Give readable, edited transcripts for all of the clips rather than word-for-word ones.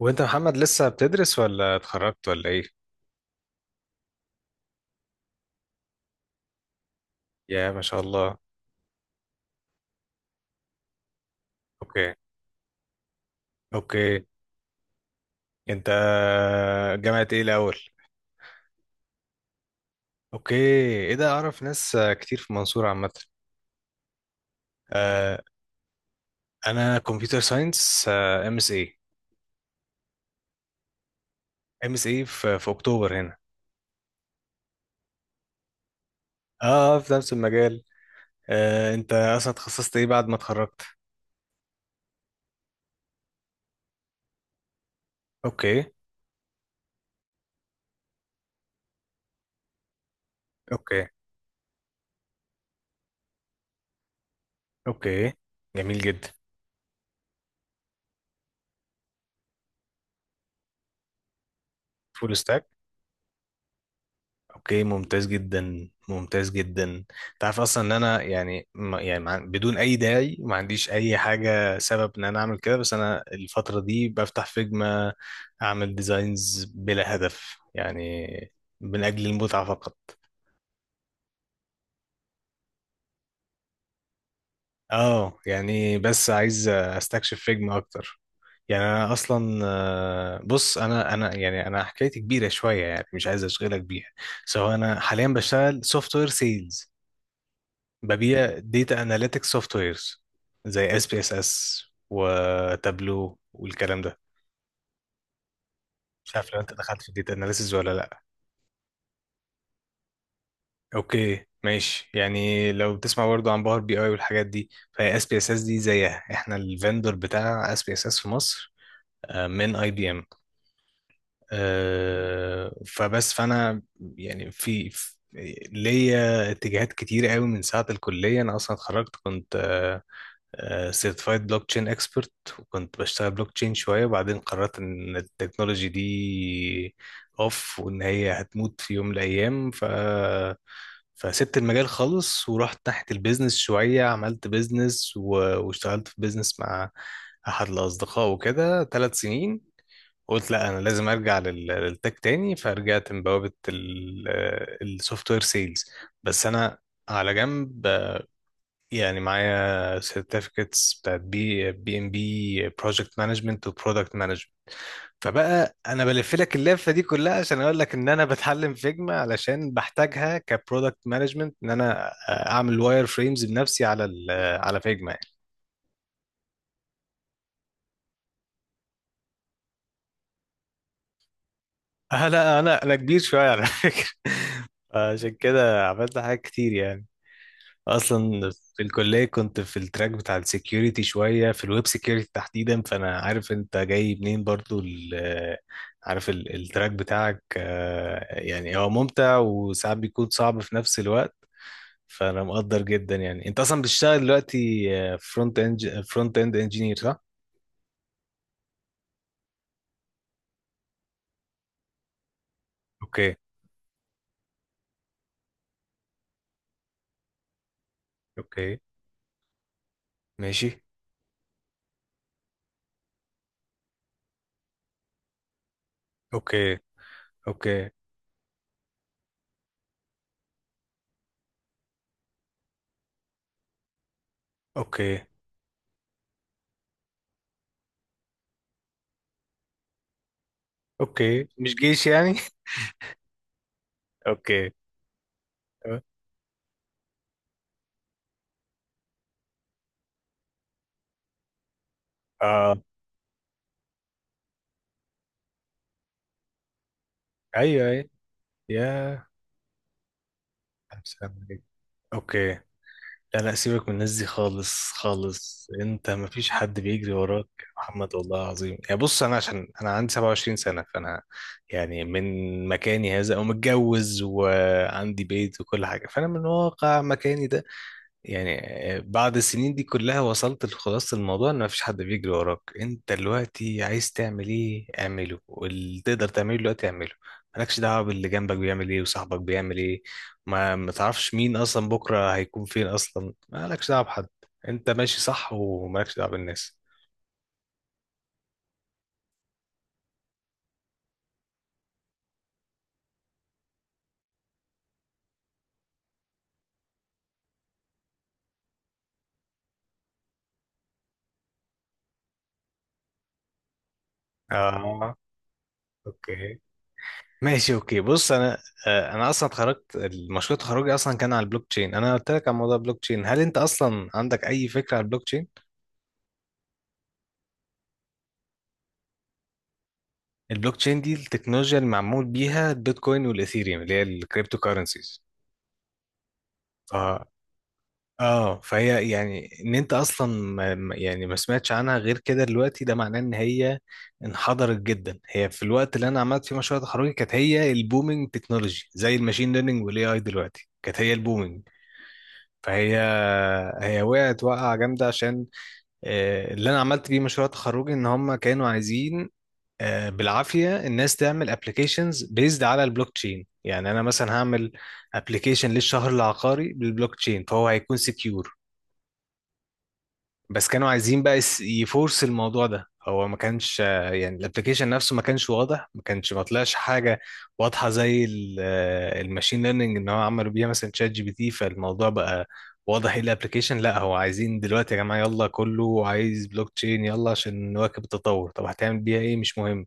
وانت محمد لسه بتدرس ولا اتخرجت ولا ايه؟ يا ما شاء الله. اوكي. اوكي. انت جامعة ايه الاول؟ اوكي. ايه ده، اعرف ناس كتير في المنصورة عامة. آه، انا كمبيوتر ساينس. ام اس اي. ام اس اي في اكتوبر هنا. اه، في نفس المجال. انت اصلا اتخصصت ايه بعد ما اتخرجت؟ اوكي. اوكي. اوكي. جميل جدا. فول ستاك. اوكي، ممتاز جدا ممتاز جدا. انت عارف اصلا ان انا يعني بدون اي داعي ما عنديش اي حاجه سبب ان انا اعمل كده، بس انا الفتره دي بفتح فيجما، اعمل ديزاينز بلا هدف يعني، من اجل المتعه فقط. اه يعني بس عايز استكشف فيجما اكتر. يعني انا اصلا بص انا يعني انا حكايتي كبيره شويه يعني، مش عايز اشغلك بيها. سو انا حاليا بشتغل سوفت وير سيلز، ببيع ديتا اناليتكس سوفت ويرز زي اس بي اس اس وتابلو والكلام ده. مش عارف لو انت دخلت في الديتا اناليسز ولا لا. اوكي ماشي، يعني لو بتسمع برضه عن باور بي اي والحاجات دي، فهي اس بي اس اس دي زيها، احنا الفندور بتاع اس بي اس اس في مصر، من اي بي ام. فبس فانا يعني في في- ليا اتجاهات كتير قوي من ساعة الكلية. أنا أصلا اتخرجت كنت سيرتيفايد بلوك تشين اكسبرت، وكنت بشتغل بلوك تشين شويه، وبعدين قررت ان التكنولوجي دي اوف وان، هي هتموت في يوم من الايام. فسبت المجال خالص ورحت ناحيه البيزنس شويه، عملت بيزنس واشتغلت في بيزنس مع احد الاصدقاء وكده 3 سنين. قلت لا انا لازم ارجع للتك تاني، فرجعت من بوابه السوفت وير سيلز. بس انا على جنب، يعني معايا certificates بتاعت بي بي ام بي، بروجكت مانجمنت وبرودكت مانجمنت. فبقى انا بلف لك اللفه دي كلها عشان اقول لك ان انا بتعلم فيجما علشان بحتاجها كبرودكت مانجمنت، ان انا اعمل واير فريمز بنفسي على ال على فيجما يعني. أه لا انا كبير شويه على فكره عشان كده عملت حاجات كتير يعني، اصلا في الكليه كنت في التراك بتاع السكيورتي شويه، في الويب سكيورتي تحديدا. فانا عارف انت جاي منين برضو عارف التراك بتاعك، يعني هو ممتع وساعات بيكون صعب في نفس الوقت. فانا مقدر جدا. يعني انت اصلا بتشتغل دلوقتي فرونت اند انجينير صح؟ اوكي. اوكي ماشي. اوكي. اوكي. اوكي. اوكي مش جيش يعني. اوكي. اه. ايوه ايوه يا سلام عليكم. اوكي. لا لا سيبك من الناس دي، خالص خالص، انت مفيش حد بيجري وراك يا محمد والله العظيم يعني. بص انا عشان انا عندي 27 سنة، فانا يعني من مكاني هذا ومتجوز وعندي بيت وكل حاجة، فانا من واقع مكاني ده، يعني بعد السنين دي كلها، وصلت لخلاصة الموضوع ان مفيش حد بيجري وراك. انت دلوقتي عايز تعمل ايه اعمله، واللي تقدر تعمله دلوقتي اعمله. مالكش دعوة باللي جنبك بيعمل ايه وصاحبك بيعمل ايه. ما تعرفش مين اصلا بكرة هيكون فين اصلا، مالكش دعوة بحد. انت ماشي صح ومالكش دعوة بالناس. اه. اوكي ماشي، اوكي بص انا، انا اصلا اتخرجت، المشروع تخرجي اصلا كان على البلوك تشين. انا قلت لك على موضوع البلوك تشين، هل انت اصلا عندك اي فكرة على البلوك تشين؟ البلوك تشين دي التكنولوجيا اللي معمول بيها البيتكوين والاثيريوم اللي هي الكريبتو كارنسيز. ف... اه فهي يعني ان انت اصلا يعني ما سمعتش عنها غير كده دلوقتي، ده معناه ان هي انحدرت جدا. هي في الوقت اللي انا عملت فيه مشروع تخرجي كانت هي البومينج تكنولوجي زي الماشين ليرنينج، والاي اي دلوقتي كانت هي البومينج. فهي، هي وقعت وقعة جامدة عشان اللي انا عملت بيه مشروع تخرجي ان هم كانوا عايزين بالعافيه الناس تعمل ابلكيشنز بيزد على البلوك تشين. يعني انا مثلا هعمل ابلكيشن للشهر العقاري بالبلوك تشين، فهو هيكون سكيور. بس كانوا عايزين بقى يفورس الموضوع ده. هو ما كانش يعني الابلكيشن نفسه ما كانش واضح، ما كانش ما طلعش حاجه واضحه زي الماشين ليرنينج ان هو عملوا بيها مثلا شات جي بي تي. فالموضوع بقى واضح ايه الابلكيشن. لا هو عايزين دلوقتي يا جماعه يلا كله عايز بلوك تشين يلا عشان نواكب التطور، طب هتعمل بيها ايه؟ مش مهم.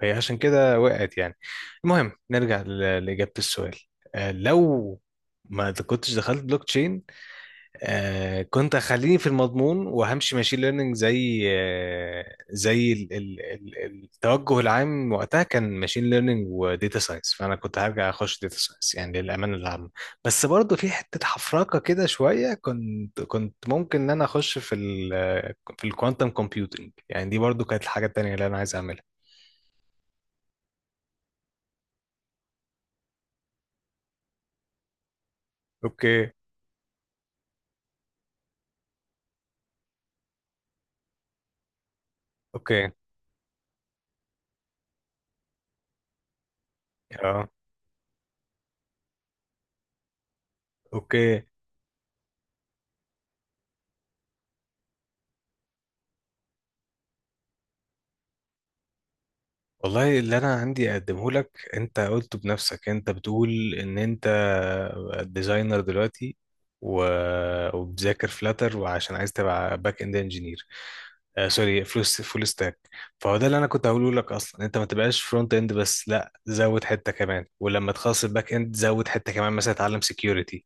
فهي عشان كده وقعت يعني. المهم نرجع لإجابة السؤال. لو ما د- كنتش دخلت بلوك تشين، كنت هخليني في المضمون وهمشي ماشين ليرنينج، زي زي التوجه العام وقتها كان ماشين ليرنينج وديتا ساينس، فانا كنت هرجع اخش ديتا ساينس يعني للامانه العامه. بس برضه في حته حفرقه كده شويه، كنت ممكن ان انا اخش في الكوانتم كومبيوتنج، يعني دي برضه كانت الحاجه التانيه اللي انا عايز اعملها. اوكي. اوكي. اه. اوكي. والله اللي انا عندي اقدمه لك، انت قلته بنفسك، انت بتقول ان انت ديزاينر دلوقتي و... وبذاكر فلاتر وعشان عايز تبقى باك اند انجينير، آه سوري، فول ستاك. فهو ده اللي انا كنت هقوله لك، اصلا انت ما تبقاش فرونت اند بس، لا زود حته كمان. ولما تخلص الباك اند زود حته كمان مثلا اتعلم سكيورتي.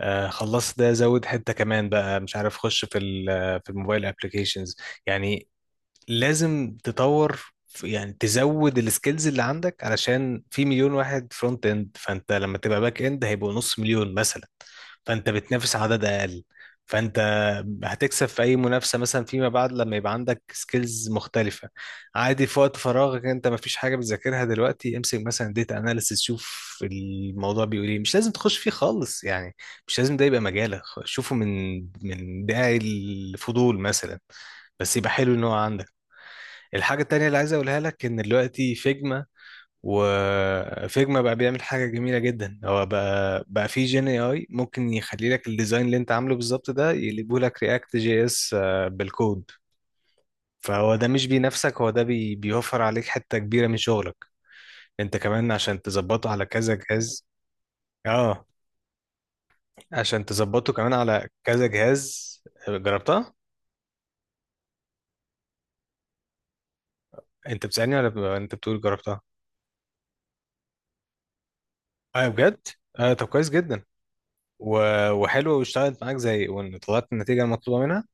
آه خلصت ده، زود حته كمان بقى، مش عارف، خش في الموبايل ابلكيشنز يعني. لازم تطور يعني تزود السكيلز اللي عندك، علشان في مليون واحد فرونت اند، فانت لما تبقى باك اند هيبقوا نص مليون مثلا، فانت بتنافس عدد اقل، فانت هتكسب في اي منافسه مثلا فيما بعد لما يبقى عندك سكيلز مختلفه. عادي في وقت فراغك انت ما فيش حاجه بتذاكرها دلوقتي، امسك مثلا ديتا اناليسيس، شوف الموضوع بيقول ايه. مش لازم تخش فيه خالص يعني، مش لازم ده يبقى مجالك، شوفه من من داعي الفضول مثلا، بس يبقى حلو ان هو عندك. الحاجة التانية اللي عايز أقولها لك، إن دلوقتي فيجما، وفيجما بقى بيعمل حاجة جميلة جدا، هو بقى في جين اي اي ممكن يخلي لك الديزاين اللي انت عامله بالظبط ده يقلبه لك رياكت جي اس بالكود. فهو ده مش بينافسك، هو ده بيوفر عليك حتة كبيرة من شغلك انت كمان عشان تظبطه على كذا جهاز. اه عشان تظبطه كمان على كذا جهاز. جربتها؟ انت بتسألني ولا انت بتقول جربتها؟ اه بجد؟ اه طب كويس جدا. وحلوة، واشتغلت معاك زي وان؟ طلعت النتيجة المطلوبة منها؟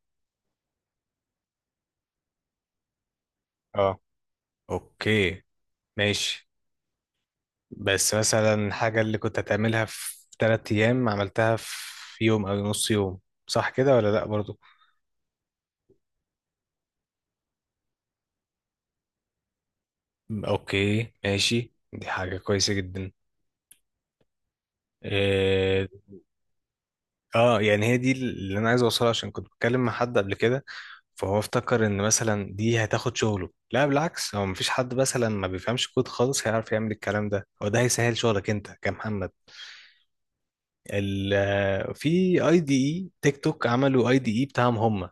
اه. اوكي ماشي. بس مثلا الحاجة اللي كنت هتعملها في 3 ايام، عملتها في يوم او نص يوم، صح كده ولا لا برضو؟ اوكي ماشي، دي حاجة كويسة جدا. اه. يعني هي دي اللي انا عايز اوصلها، عشان كنت بتكلم مع حد قبل كده، فهو افتكر ان مثلا دي هتاخد شغله. لا بالعكس، هو مفيش حد مثلا ما بيفهمش كود خالص هيعرف يعمل الكلام ده. هو ده هيسهل شغلك انت كمحمد. ال في اي دي اي تيك توك عملوا اي دي اي بتاعهم هم،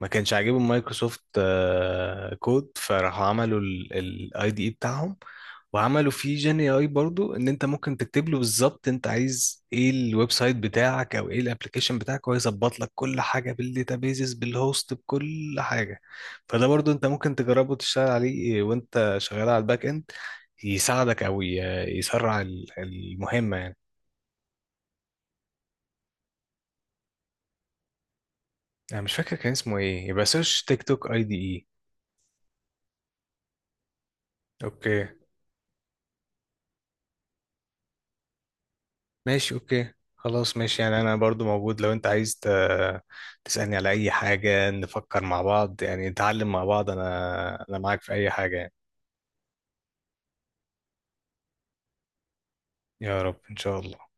ما كانش عاجبهم مايكروسوفت كود، فراحوا عملوا الاي دي اي بتاعهم وعملوا فيه جين اي برضو، ان انت ممكن تكتب له بالظبط انت عايز ايه الويب سايت بتاعك او ايه الابلكيشن بتاعك، وهو يظبط لك كل حاجه بالداتابيزز بالهوست بكل حاجه. فده برضو انت ممكن تجربه تشتغل عليه، وانت شغال على الباك اند يساعدك او يسرع المهمه يعني. انا مش فاكر كان اسمه ايه، يبقى سيرش تيك توك اي دي اي. اوكي ماشي، اوكي خلاص ماشي، يعني انا برضو موجود، لو انت عايز تسألني على اي حاجة نفكر مع بعض، يعني نتعلم مع بعض، انا معاك في اي حاجة يعني. يا رب ان شاء الله.